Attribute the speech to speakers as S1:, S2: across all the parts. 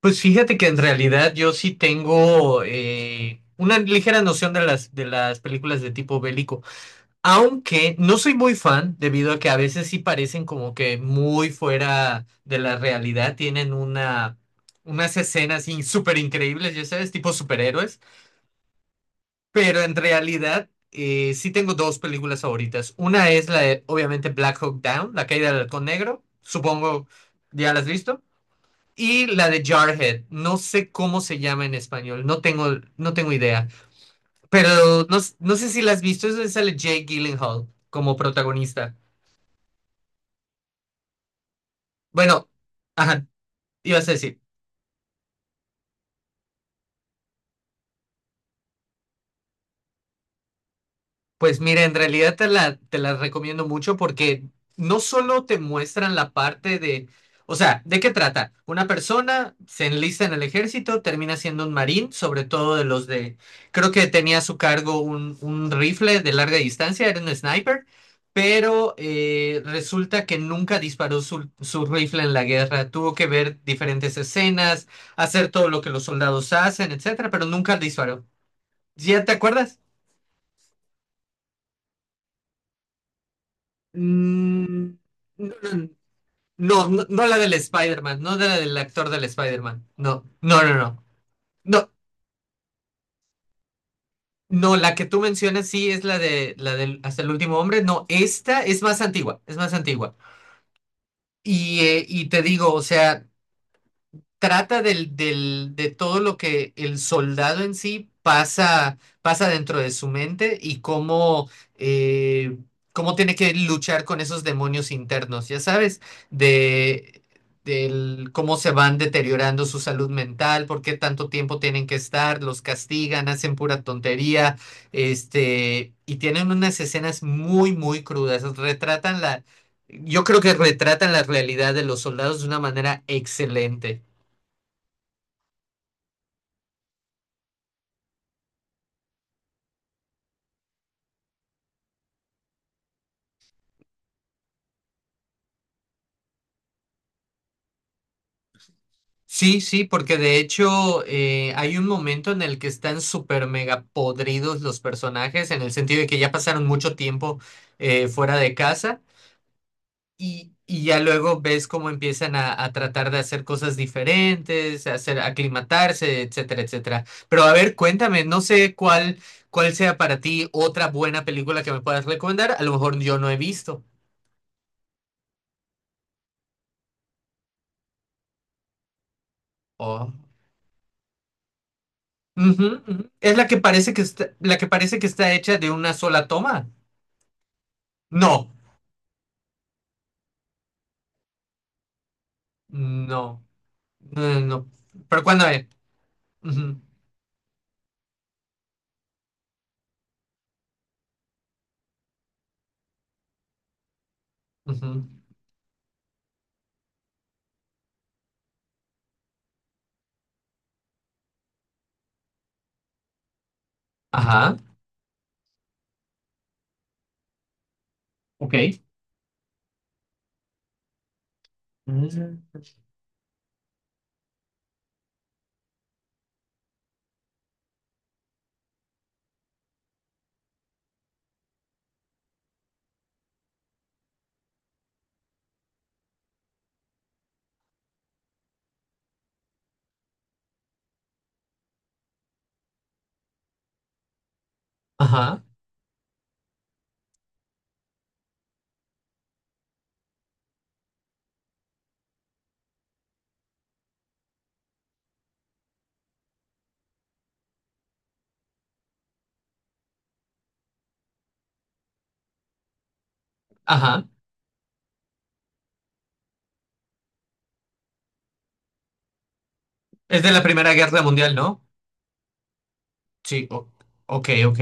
S1: Pues fíjate que en realidad yo sí tengo una ligera noción de las películas de tipo bélico, aunque no soy muy fan debido a que a veces sí parecen como que muy fuera de la realidad, tienen una, unas escenas súper increíbles, ya sabes, tipo superhéroes, pero en realidad sí tengo dos películas favoritas. Una es la de, obviamente, Black Hawk Down, La caída del halcón negro, supongo ya la has visto, y la de Jarhead. No sé cómo se llama en español, no tengo idea. Pero no, no sé si la has visto, es donde sale Jake Gyllenhaal como protagonista. Bueno, ajá, ibas a decir. Pues mira, en realidad te la recomiendo mucho porque no solo te muestran la parte de, o sea, ¿de qué trata? Una persona se enlista en el ejército, termina siendo un marín, sobre todo de los de, creo que tenía a su cargo un rifle de larga distancia, era un sniper, pero resulta que nunca disparó su rifle en la guerra, tuvo que ver diferentes escenas, hacer todo lo que los soldados hacen, etcétera, pero nunca disparó. ¿Ya te acuerdas? Mm, no, no la del Spider-Man, no de la del actor del Spider-Man. No, no, no, no. No, no, la que tú mencionas sí es la de la del Hasta el último hombre. No, esta es más antigua, es más antigua. Y te digo, o sea, trata de todo lo que el soldado en sí pasa, pasa dentro de su mente y cómo, eh, cómo tiene que luchar con esos demonios internos, ya sabes, de, del cómo se van deteriorando su salud mental, por qué tanto tiempo tienen que estar, los castigan, hacen pura tontería, este, y tienen unas escenas muy, muy crudas, retratan la... Yo creo que retratan la realidad de los soldados de una manera excelente. Sí, sí, porque de hecho hay un momento en el que están súper mega podridos los personajes, en el sentido de que ya pasaron mucho tiempo fuera de casa y ya luego ves cómo empiezan a tratar de hacer cosas diferentes, a hacer, aclimatarse, etcétera, etcétera. Pero a ver, cuéntame, no sé cuál, cuál sea para ti otra buena película que me puedas recomendar, a lo mejor yo no he visto. Oh. Ujú, ujú. Es la que parece que está, la que parece que está hecha de una sola toma. No. No, no, no, no. ¿Pero cuando es? Ujú, ujú. Ajá, ok. Mm. Ajá, ajá. Es de la Primera Guerra Mundial, ¿no? Sí, o- ok, ok.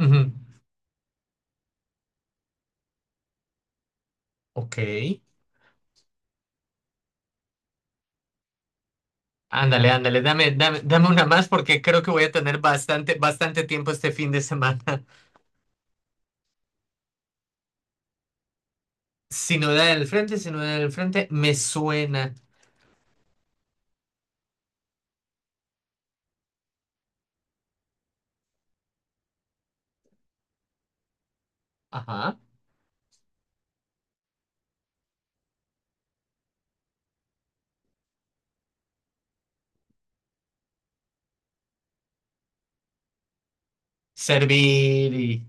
S1: Ujú, ok. Ándale, ándale, dame, dame, dame una más porque creo que voy a tener bastante, bastante tiempo este fin de semana. Sinodal en el frente, sinodal en el frente, me suena. Ajá. Servir y...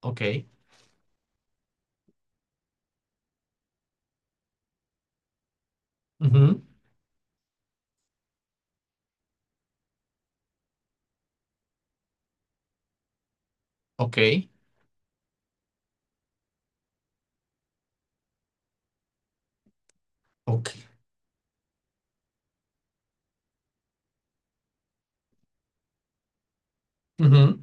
S1: Ok. Ujú, ok. Ok. Ujú,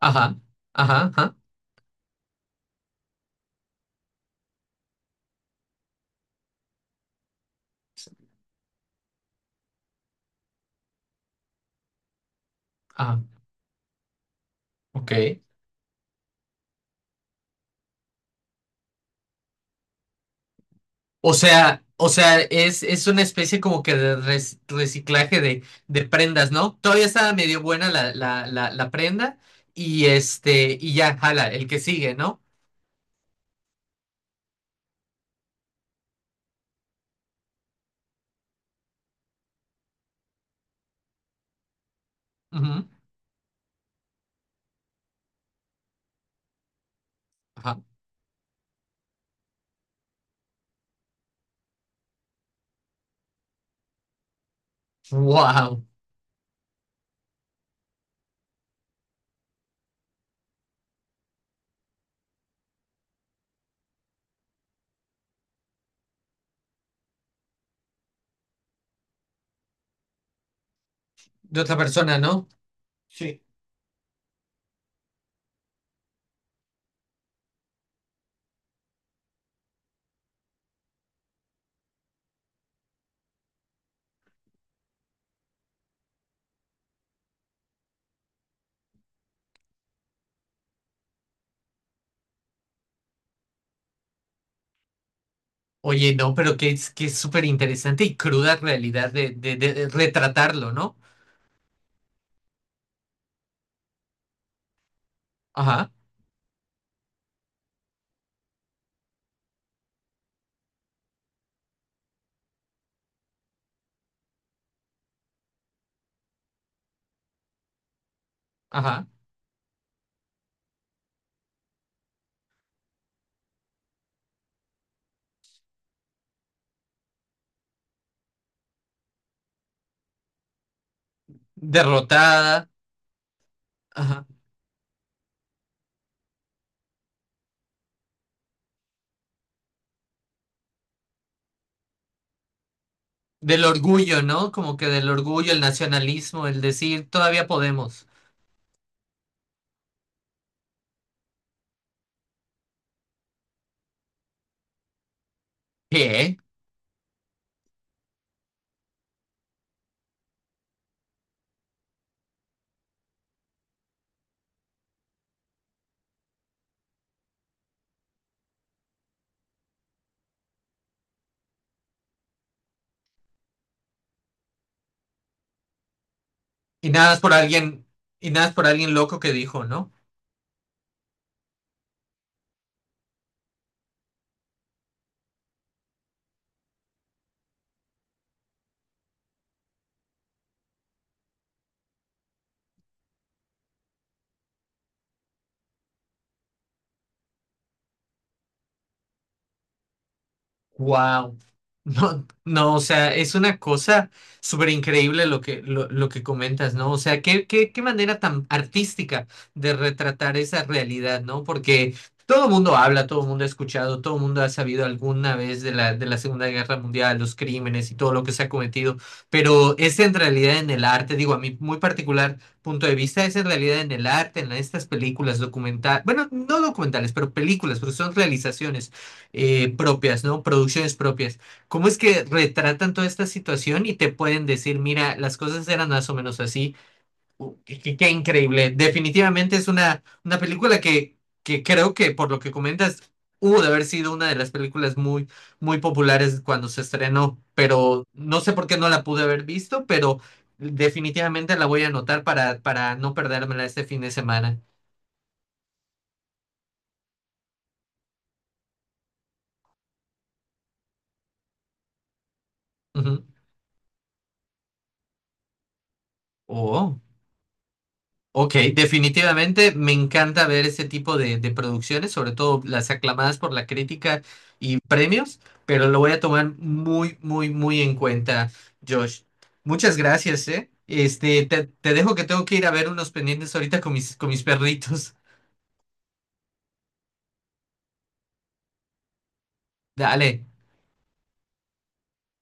S1: ajá. Ajá. Ajá. Ah, ok. O sea, es una especie como que de reciclaje de prendas, ¿no? Todavía estaba medio buena la prenda y este, y ya, jala, el que sigue, ¿no? Ujú. Ajá. Wow. De otra persona, ¿no? Sí. Oye, no, pero que es súper interesante y cruda realidad de, de retratarlo, ¿no? Ajá, ajá. Derrotada, ajá. Del orgullo, ¿no? Como que del orgullo, el nacionalismo, el decir, todavía podemos. ¿Qué? Y nada es por alguien, y nada es por alguien loco que dijo, ¿no? Wow. No, no, o sea, es una cosa súper increíble lo que comentas, ¿no? O sea, qué, qué, qué manera tan artística de retratar esa realidad, ¿no? Porque todo el mundo habla, todo el mundo ha escuchado, todo el mundo ha sabido alguna vez de la Segunda Guerra Mundial, los crímenes y todo lo que se ha cometido, pero es en realidad en el arte, digo, a mi muy particular punto de vista, es en realidad en el arte, en estas películas documentales, bueno, no documentales, pero películas, porque son realizaciones propias, ¿no? Producciones propias. ¿Cómo es que retratan toda esta situación y te pueden decir, mira, las cosas eran más o menos así? Qué, qué increíble. Definitivamente es una película que creo que por lo que comentas, hubo de haber sido una de las películas muy, muy populares cuando se estrenó, pero no sé por qué no la pude haber visto, pero definitivamente la voy a anotar para no perdérmela este fin de semana. Ujú. Oh. Ok, definitivamente me encanta ver ese tipo de producciones, sobre todo las aclamadas por la crítica y premios, pero lo voy a tomar muy, muy, muy en cuenta, Josh. Muchas gracias, ¿eh? Este, te dejo que tengo que ir a ver unos pendientes ahorita con mis perritos. Dale.